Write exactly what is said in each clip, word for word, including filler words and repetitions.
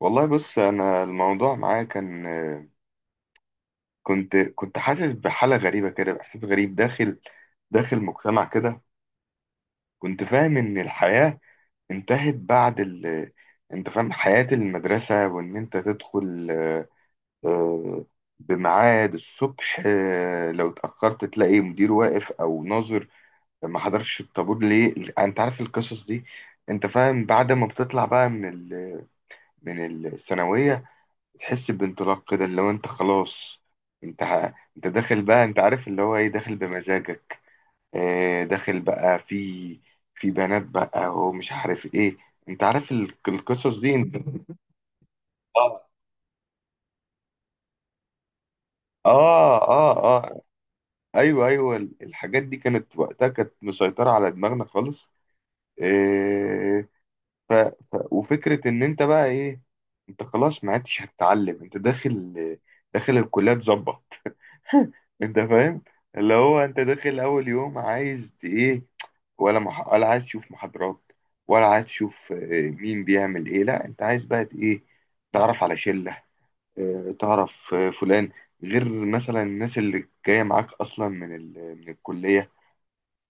والله بص، انا الموضوع معايا كان، كنت كنت حاسس بحالة غريبة كده، بإحساس غريب داخل داخل مجتمع كده. كنت فاهم ان الحياة انتهت بعد ال انت فاهم حياة المدرسة، وان انت تدخل آه، آه، بميعاد الصبح، آه، لو اتأخرت تلاقي مدير واقف او ناظر ما حضرش الطابور ليه، انت عارف القصص دي. انت فاهم بعد ما بتطلع بقى من ال... من الثانوية تحس بانطلاق كده، اللي هو انت خلاص، انت ه- انت داخل بقى، انت عارف اللي هو ايه، داخل بمزاجك. اه، داخل بقى في في بنات بقى ومش عارف ايه، انت عارف ال- القصص دي انت. اه، اه، اه، اه. ايوه ايوه، ال- الحاجات دي كانت وقتها كانت مسيطرة على دماغنا خالص. اه. ف وفكرة ان انت بقى ايه، انت خلاص ما عدتش هتتعلم، انت داخل داخل الكلية تظبط. انت فاهم، اللي هو انت داخل اول يوم عايز ايه؟ ولا مح... ولا عايز تشوف محاضرات، ولا عايز تشوف، آه، مين بيعمل ايه؟ لا، انت عايز بقى ت- ايه تعرف على شلة، آه، تعرف آه، فلان، غير مثلا الناس اللي جاية معاك اصلا من ال... من الكلية.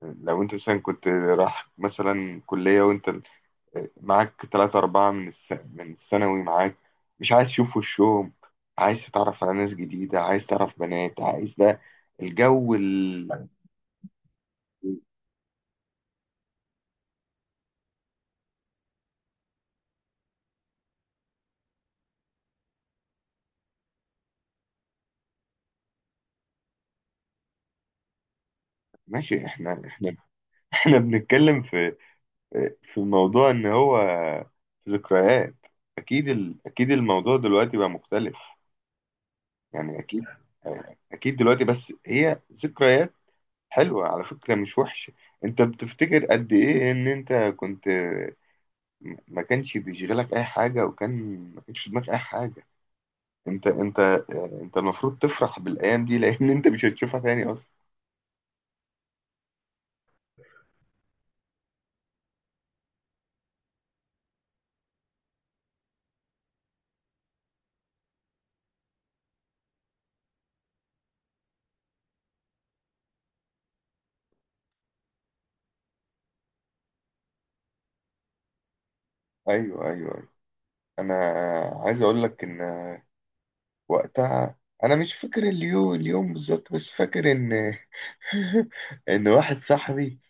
لو انت مثلا كنت رايح مثلا كلية، وانت معاك تلاتة أربعة من الس... من الثانوي معاك، مش عايز تشوف وشهم، عايز تتعرف على ناس جديدة، عايز تعرف بنات، عايز ده الجو ال... ماشي. احنا احنا احنا بنتكلم في في موضوع ان هو ذكريات. اكيد ال... اكيد الموضوع دلوقتي بقى مختلف، يعني اكيد. اكيد دلوقتي، بس هي ذكريات حلوة على فكرة، مش وحشة. انت بتفتكر قد ايه ان انت كنت ما كانش بيشغلك اي حاجه، وكان ما كانش في دماغك اي حاجه؟ انت انت آه، انت المفروض تفرح بالايام دي، لان انت مش هتشوفها تاني اصلا. ايوه ايوه ايوه. انا عايز اقول لك ان وقتها انا مش فاكر اليوم اليوم بالظبط، بس فاكر ان ان واحد صاحبي،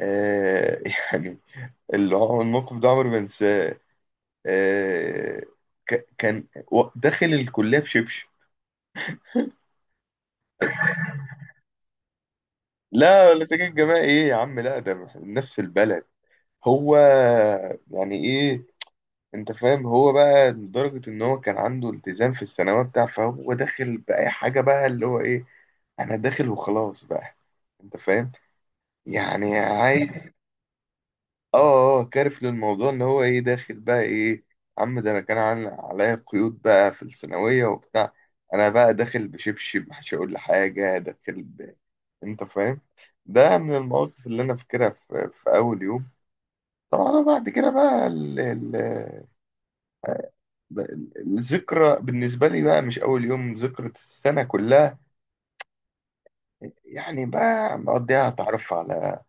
آه يعني، اللي هو الموقف ده عمري ما انساه. آه، ك- كان و- داخل الكليه بشبشب. لا، ولا ساكن جماعي ايه يا عم، لا ده من نفس البلد هو. يعني ايه؟ انت فاهم، هو بقى لدرجة ان هو كان عنده التزام في الثانوية بتاع فهو داخل بأي حاجة بقى، اللي هو ايه، انا داخل وخلاص بقى، انت فاهم، يعني عايز. اه اه، كارف للموضوع، ان هو ايه، داخل بقى ايه. عم ده انا كان عن- عليا قيود بقى في الثانوية وبتاع، انا بقى داخل بشبشب، مش هقول لحاجة داخل ب... انت فاهم. ده من المواقف اللي انا فاكرها في, في اول يوم. طبعا بعد كده بقى ال... ال... ب- الذكرى بالنسبة لي بقى مش أول يوم، ذكرى السنة كلها. يعني بقى مقضيها أتعرف على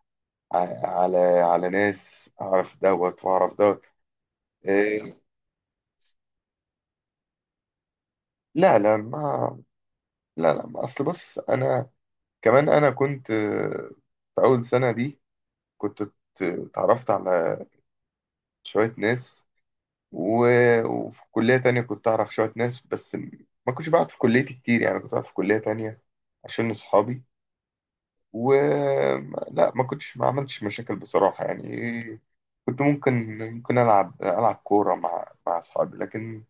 على على ناس، أعرف دوت وأعرف دوت. إيه؟ لا لا ما لا لا، ما أصل بص، أنا كمان أنا كنت، آه، في أول سنة دي كنت ات- اتعرفت على شوية ناس، و... وفي كلية تانية كنت أعرف شوية ناس، بس ما كنتش بقعد في كليتي كتير، يعني كنت بقعد في كلية تانية عشان أصحابي. و لا، ما كنتش ما عملتش مشاكل بصراحة يعني، كنت ممكن ممكن ألعب ألعب كورة مع مع أصحابي، لكن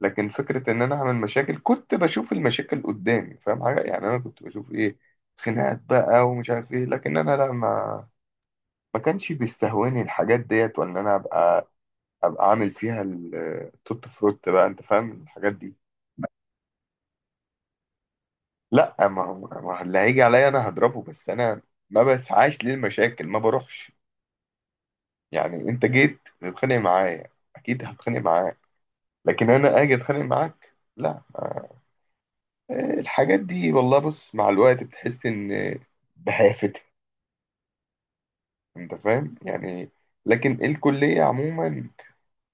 لكن فكرة إن أنا أعمل مشاكل، كنت بشوف المشاكل قدامي، فاهم حاجة، يعني أنا كنت بشوف إيه، خناقات بقى ومش عارف إيه، لكن أنا لا، ما ما كانش بيستهواني الحاجات ديت، ولا أنا أبقى أبقى عامل فيها التوت فروت بقى، أنت فاهم الحاجات دي. لا، ما هو ما هو اللي هيجي عليا أنا هضربه، بس أنا ما بسعاش للمشاكل، ما بروحش. يعني انت جيت تتخانق معايا، اكيد هتخانق معاك، لكن انا اجي اتخانق معاك، لا. آه، الحاجات دي والله بص، مع الوقت بتحس ان بهافتها، انت فاهم يعني. لكن الكلية عموما،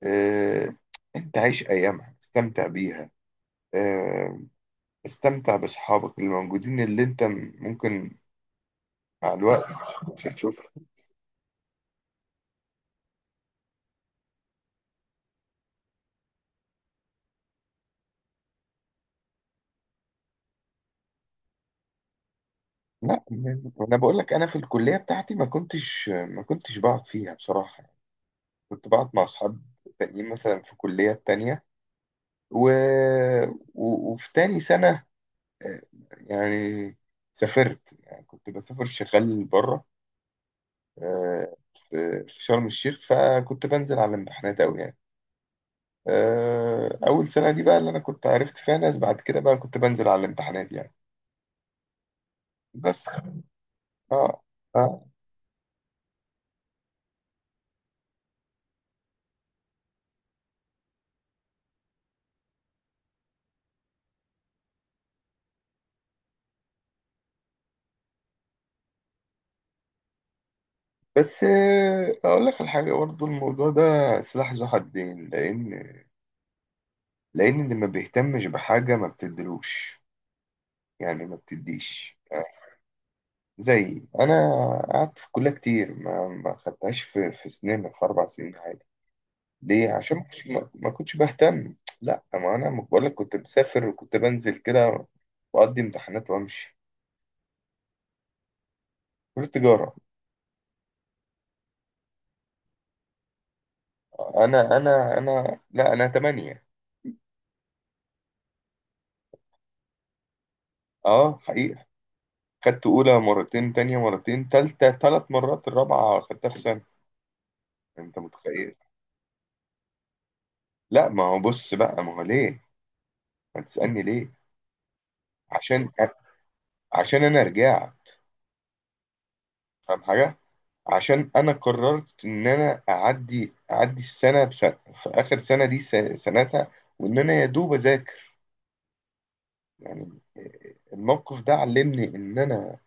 آه، انت عيش ايامها، استمتع بيها، آه، استمتع باصحابك اللي موجودين، اللي انت م- ممكن مع الوقت مش هتشوف. لا، انا بقول لك انا في الكلية بتاعتي ما كنتش ما كنتش بقعد فيها بصراحة، كنت بقعد مع أصحاب تانيين مثلا في كليات تانية، و... و... وفي تاني سنة، آه، يعني سافرت، يعني كنت بسافر شغال بره، آه، في في شرم الشيخ، فكنت بنزل على الامتحانات أوي يعني. آه، أول سنة دي بقى اللي أنا كنت عرفت فيها ناس، بعد كده بقى كنت بنزل على الامتحانات يعني، بس. اه. اه. بس آه، أقول لك الحاجة برضه، الموضوع ده سلاح ذو حدين، لأن لأن اللي ما بيهتمش بحاجة ما بتدلوش، يعني ما بتديش. آه، زي انا، قعدت في الكليه كتير، ما ما خدتهاش في في سنين، في اربع سنين عادي. ليه؟ عشان ما كنتش، ما ما كنتش بهتم. لا، ما انا بقول لك كنت مسافر، وكنت بنزل كده واقضي امتحانات وامشي. كليه تجاره. انا انا انا لا، انا تمانية. اه، حقيقه، خدت اولى مرتين، تانية مرتين، تالتة تلات مرات، الرابعه خدتها في سنه. انت متخيل؟ لا، ما هو بص بقى، ما هو ليه، ما تسالني ليه. عشان عشان انا رجعت. فاهم حاجة، عشان أنا قررت إن أنا أعدي أعدي السنة بسنة في آخر سنة دي، س- سنتها، وإن أنا يا دوب أذاكر يعني، الموقف ده علمني إن أنا.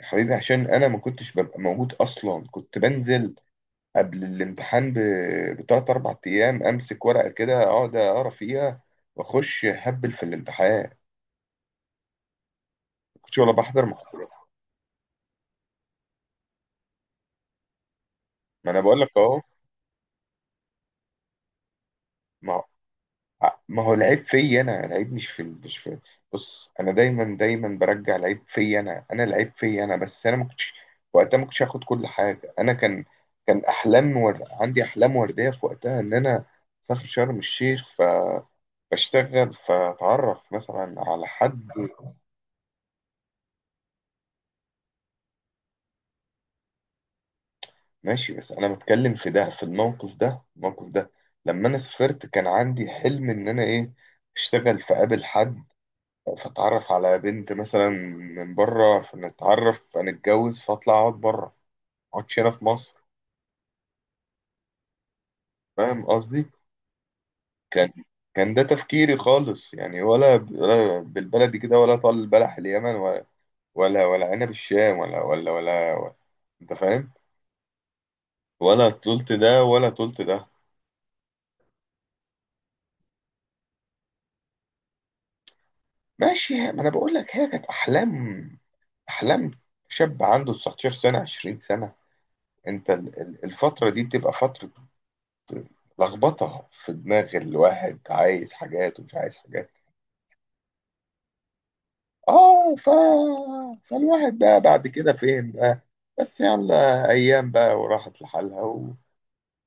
يا حبيبي، عشان أنا ما كنتش ببقى موجود أصلا، كنت بنزل قبل الامتحان ب- بتلات أربع أيام، أمسك ورقة كده أقعد أقرا فيها، وأخش أهبل في الامتحان، ما كنتش ولا بحضر محاضرات. ما أنا بقول لك أهو. ما ما هو العيب فيا انا، العيب مش في مش في بص، انا دايما دايما برجع العيب فيا انا، انا العيب فيا انا، بس انا ما كنتش وقتها، ما كنتش هاخد كل حاجه، انا كان كان احلام، ور... عندي احلام ورديه في وقتها، ان انا اسافر شرم الشيخ، ف بشتغل، فاتعرف مثلا على حد. ماشي، بس انا بتكلم في ده، في الموقف ده، الموقف ده لما انا سافرت كان عندي حلم ان انا ايه، اشتغل في، قابل حد، فتعرف على بنت مثلا من بره، فنتعرف فنتجوز فاطلع اقعد بره، ما اقعدش هنا في مصر. فاهم قصدي؟ كان كان ده تفكيري خالص يعني، ولا ب- ولا بالبلدي كده، ولا طال البلح اليمن ولا، ولا ولا عنب الشام، ولا ولا ولا, ولا. انت فاهم، ولا طولت ده ولا طولت ده. ماشي، ما انا بقول لك هي كانت احلام، احلام شاب عنده تسعة عشر سنه عشرين سنه. انت ال- ال- الفتره دي بتبقى فتره لخبطة في دماغ الواحد، عايز حاجات ومش عايز حاجات. اه. ف... فالواحد بقى بعد كده فين بقى، بس يلا ايام بقى وراحت لحالها، و...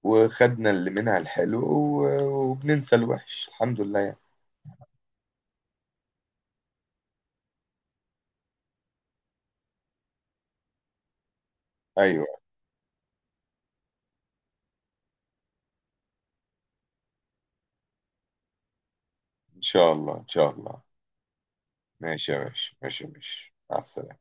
وخدنا اللي منها الحلو، و... وبننسى الوحش، الحمد لله يعني. ايوه، ان شاء الله ان شاء الله. ماشي يا باشا، ماشي يا باشا، مع السلامة.